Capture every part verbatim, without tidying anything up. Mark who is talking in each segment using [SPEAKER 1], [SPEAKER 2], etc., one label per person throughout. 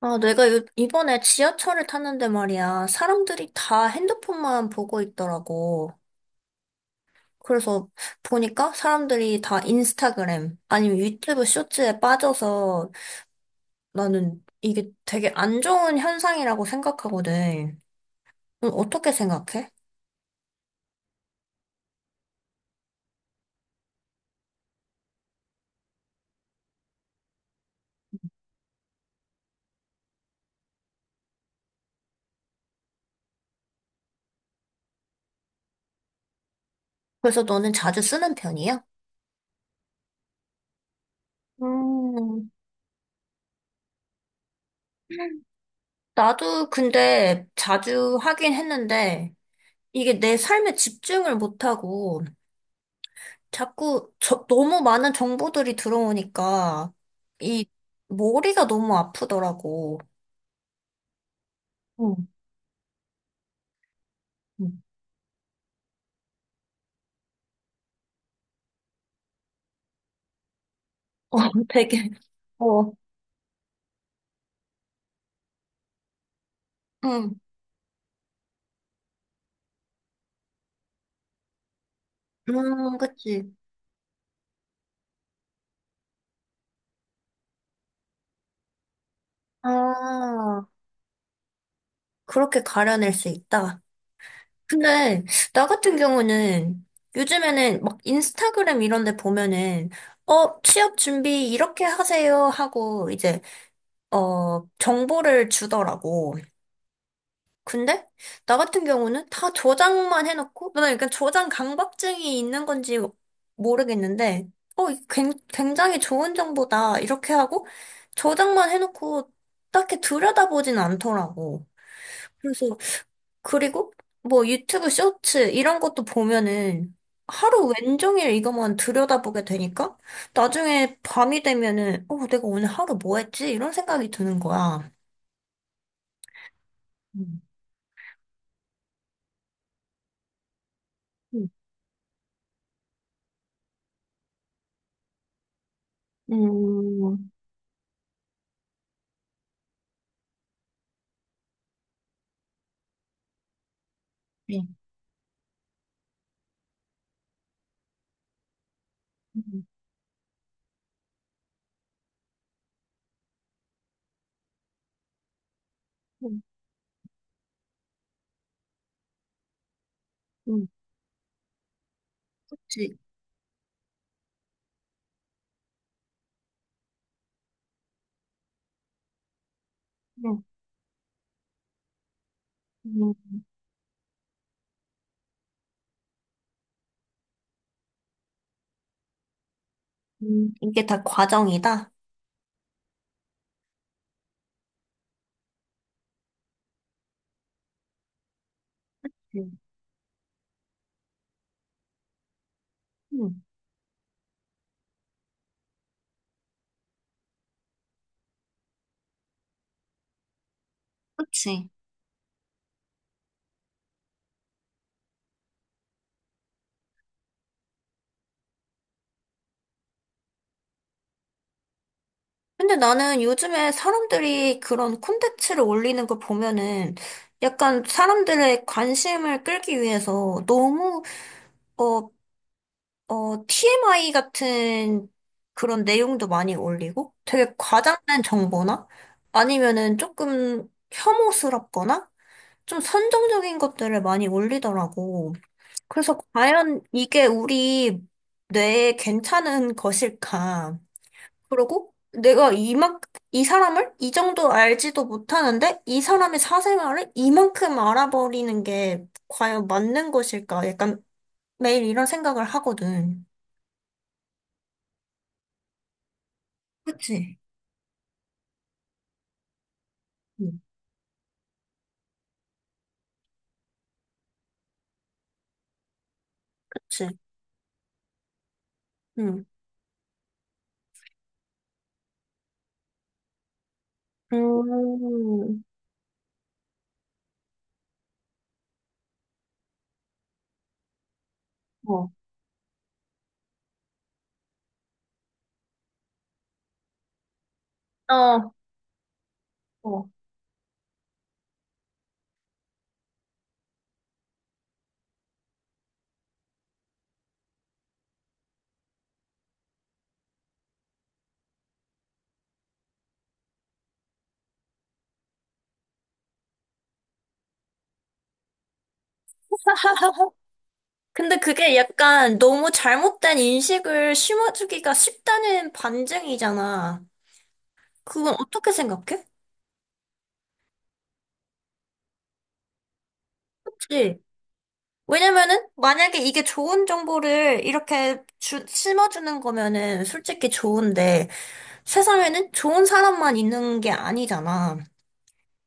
[SPEAKER 1] 아, 내가 요- 이번에 지하철을 탔는데 말이야. 사람들이 다 핸드폰만 보고 있더라고. 그래서 보니까 사람들이 다 인스타그램 아니면 유튜브 쇼츠에 빠져서 나는 이게 되게 안 좋은 현상이라고 생각하거든. 넌 어떻게 생각해? 그래서 너는 자주 쓰는 편이야? 음, 나도 근데 자주 하긴 했는데 이게 내 삶에 집중을 못하고 자꾸 저, 너무 많은 정보들이 들어오니까 이 머리가 너무 아프더라고. 응, 응. 어, 되게, 어, 응, 음, 그치. 아, 그렇게 가려낼 수 있다. 근데 나 같은 경우는 요즘에는 막 인스타그램 이런 데 보면은 어, 취업 준비 이렇게 하세요 하고 이제 어, 정보를 주더라고. 근데 나 같은 경우는 다 저장만 해놓고 나 약간 저장 강박증이 있는 건지 모르겠는데 어 이거 굉- 굉장히 좋은 정보다 이렇게 하고 저장만 해놓고 딱히 들여다보진 않더라고. 그래서 그리고 뭐 유튜브 쇼츠 이런 것도 보면은 하루 왼종일 이것만 들여다보게 되니까 나중에 밤이 되면은 어 내가 오늘 하루 뭐 했지? 이런 생각이 드는 거야. 음. 음. 음. 네. 응 그치? 음, 음, 음. 이게 다 과정이다. 응. 음, 그치? 근데 나는 요즘에 사람들이 그런 콘텐츠를 올리는 걸 보면은 약간 사람들의 관심을 끌기 위해서 너무, 어, 어, 티엠아이 같은 그런 내용도 많이 올리고 되게 과장된 정보나 아니면은 조금 혐오스럽거나 좀 선정적인 것들을 많이 올리더라고. 그래서 과연 이게 우리 뇌에 괜찮은 것일까? 그리고 내가 이만 이 사람을 이 정도 알지도 못하는데 이 사람의 사생활을 이만큼 알아버리는 게 과연 맞는 것일까? 약간 매일 이런 생각을 하거든. 그치? 응, 그치? 응. 음, 어, 어, 어. 근데 그게 약간 너무 잘못된 인식을 심어주기가 쉽다는 반증이잖아. 그건 어떻게 생각해? 그치? 왜냐면은 만약에 이게 좋은 정보를 이렇게 주, 심어주는 거면은 솔직히 좋은데 세상에는 좋은 사람만 있는 게 아니잖아.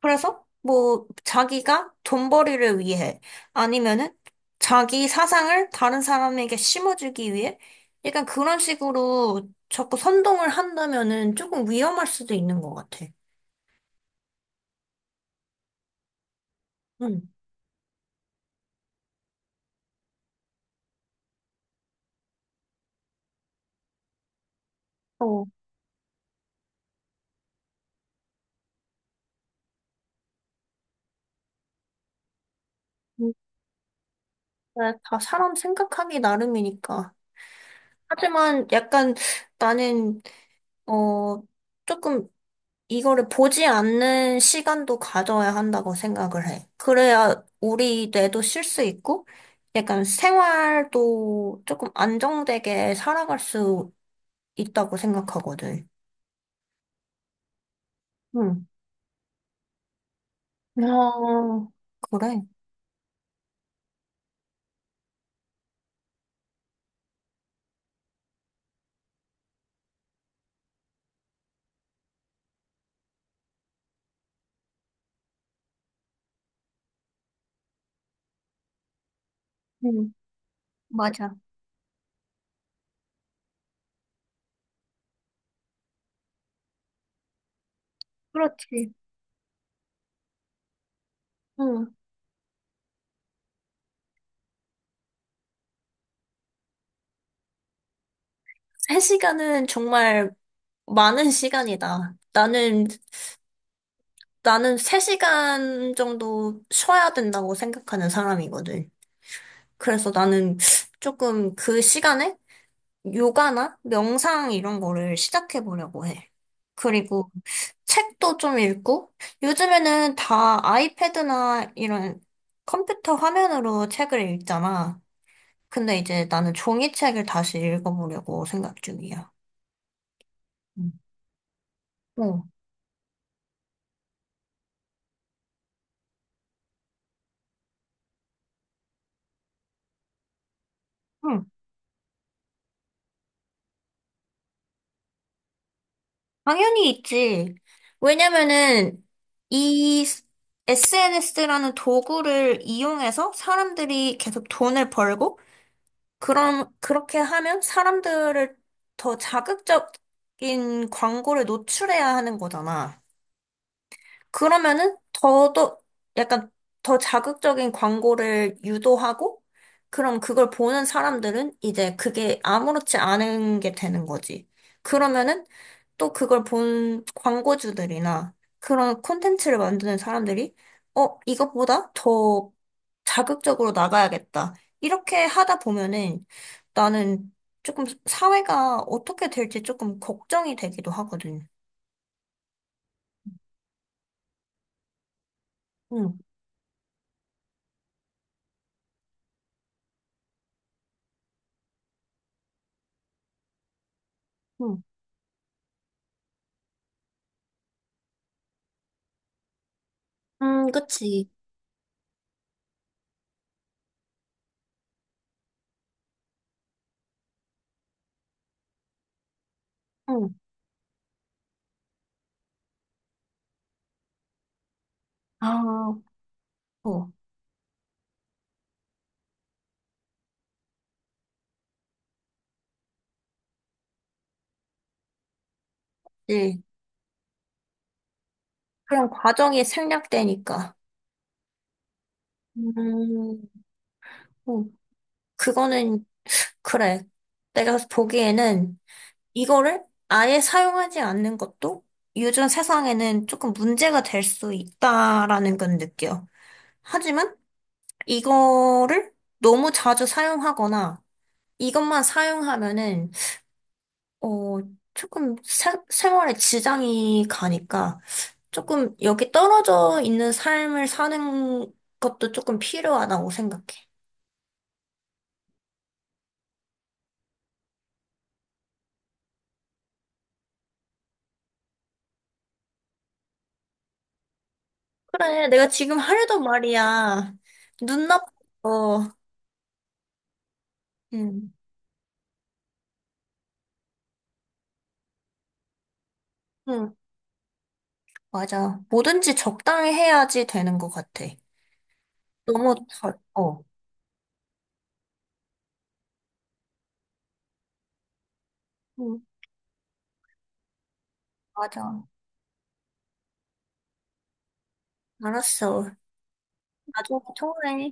[SPEAKER 1] 그래서 뭐 자기가 돈벌이를 위해 아니면은 자기 사상을 다른 사람에게 심어주기 위해 약간 그런 식으로 자꾸 선동을 한다면은 조금 위험할 수도 있는 것 같아. 응. 어. 근데 다 사람 생각하기 나름이니까. 하지만 약간 나는, 어, 조금 이거를 보지 않는 시간도 가져야 한다고 생각을 해. 그래야 우리 뇌도 쉴 수 있고, 약간 생활도 조금 안정되게 살아갈 수 있다고 생각하거든. 응. 어, 그래. 응. 맞아. 그렇지. 응. 세 시간은 정말 많은 시간이다. 나는 나는 세 시간 정도 쉬어야 된다고 생각하는 사람이거든. 그래서 나는 조금 그 시간에 요가나 명상 이런 거를 시작해 보려고 해. 그리고 책도 좀 읽고, 요즘에는 다 아이패드나 이런 컴퓨터 화면으로 책을 읽잖아. 근데 이제 나는 종이책을 다시 읽어보려고 생각 중이야. 음. 어. 응. 당연히 있지. 왜냐면은 이 에스엔에스라는 도구를 이용해서 사람들이 계속 돈을 벌고 그럼 그렇게 하면 사람들을 더 자극적인 광고를 노출해야 하는 거잖아. 그러면은 더더 약간 더 자극적인 광고를 유도하고 그럼 그걸 보는 사람들은 이제 그게 아무렇지 않은 게 되는 거지. 그러면은 또 그걸 본 광고주들이나 그런 콘텐츠를 만드는 사람들이 어, 이것보다 더 자극적으로 나가야겠다. 이렇게 하다 보면은 나는 조금 사회가 어떻게 될지 조금 걱정이 되기도 하거든. 응, 응, 음, 그치. 아, 어, 예. 그런 과정이 생략되니까. 음, 어, 그거는, 그래. 내가 보기에는 이거를 아예 사용하지 않는 것도 요즘 세상에는 조금 문제가 될 수 있다라는 건 느껴. 하지만 이거를 너무 자주 사용하거나 이것만 사용하면은 어, 조금 사- 생활에 지장이 가니까 조금 여기 떨어져 있는 삶을 사는 것도 조금 필요하다고 생각해. 그래, 내가 지금 하려던 말이야. 눈 나빠서, 응, 응, 맞아. 뭐든지 적당히 해야지 되는 것 같아. 너무 덜, 어, 응, 맞아. 알았어. 나중에 통화해.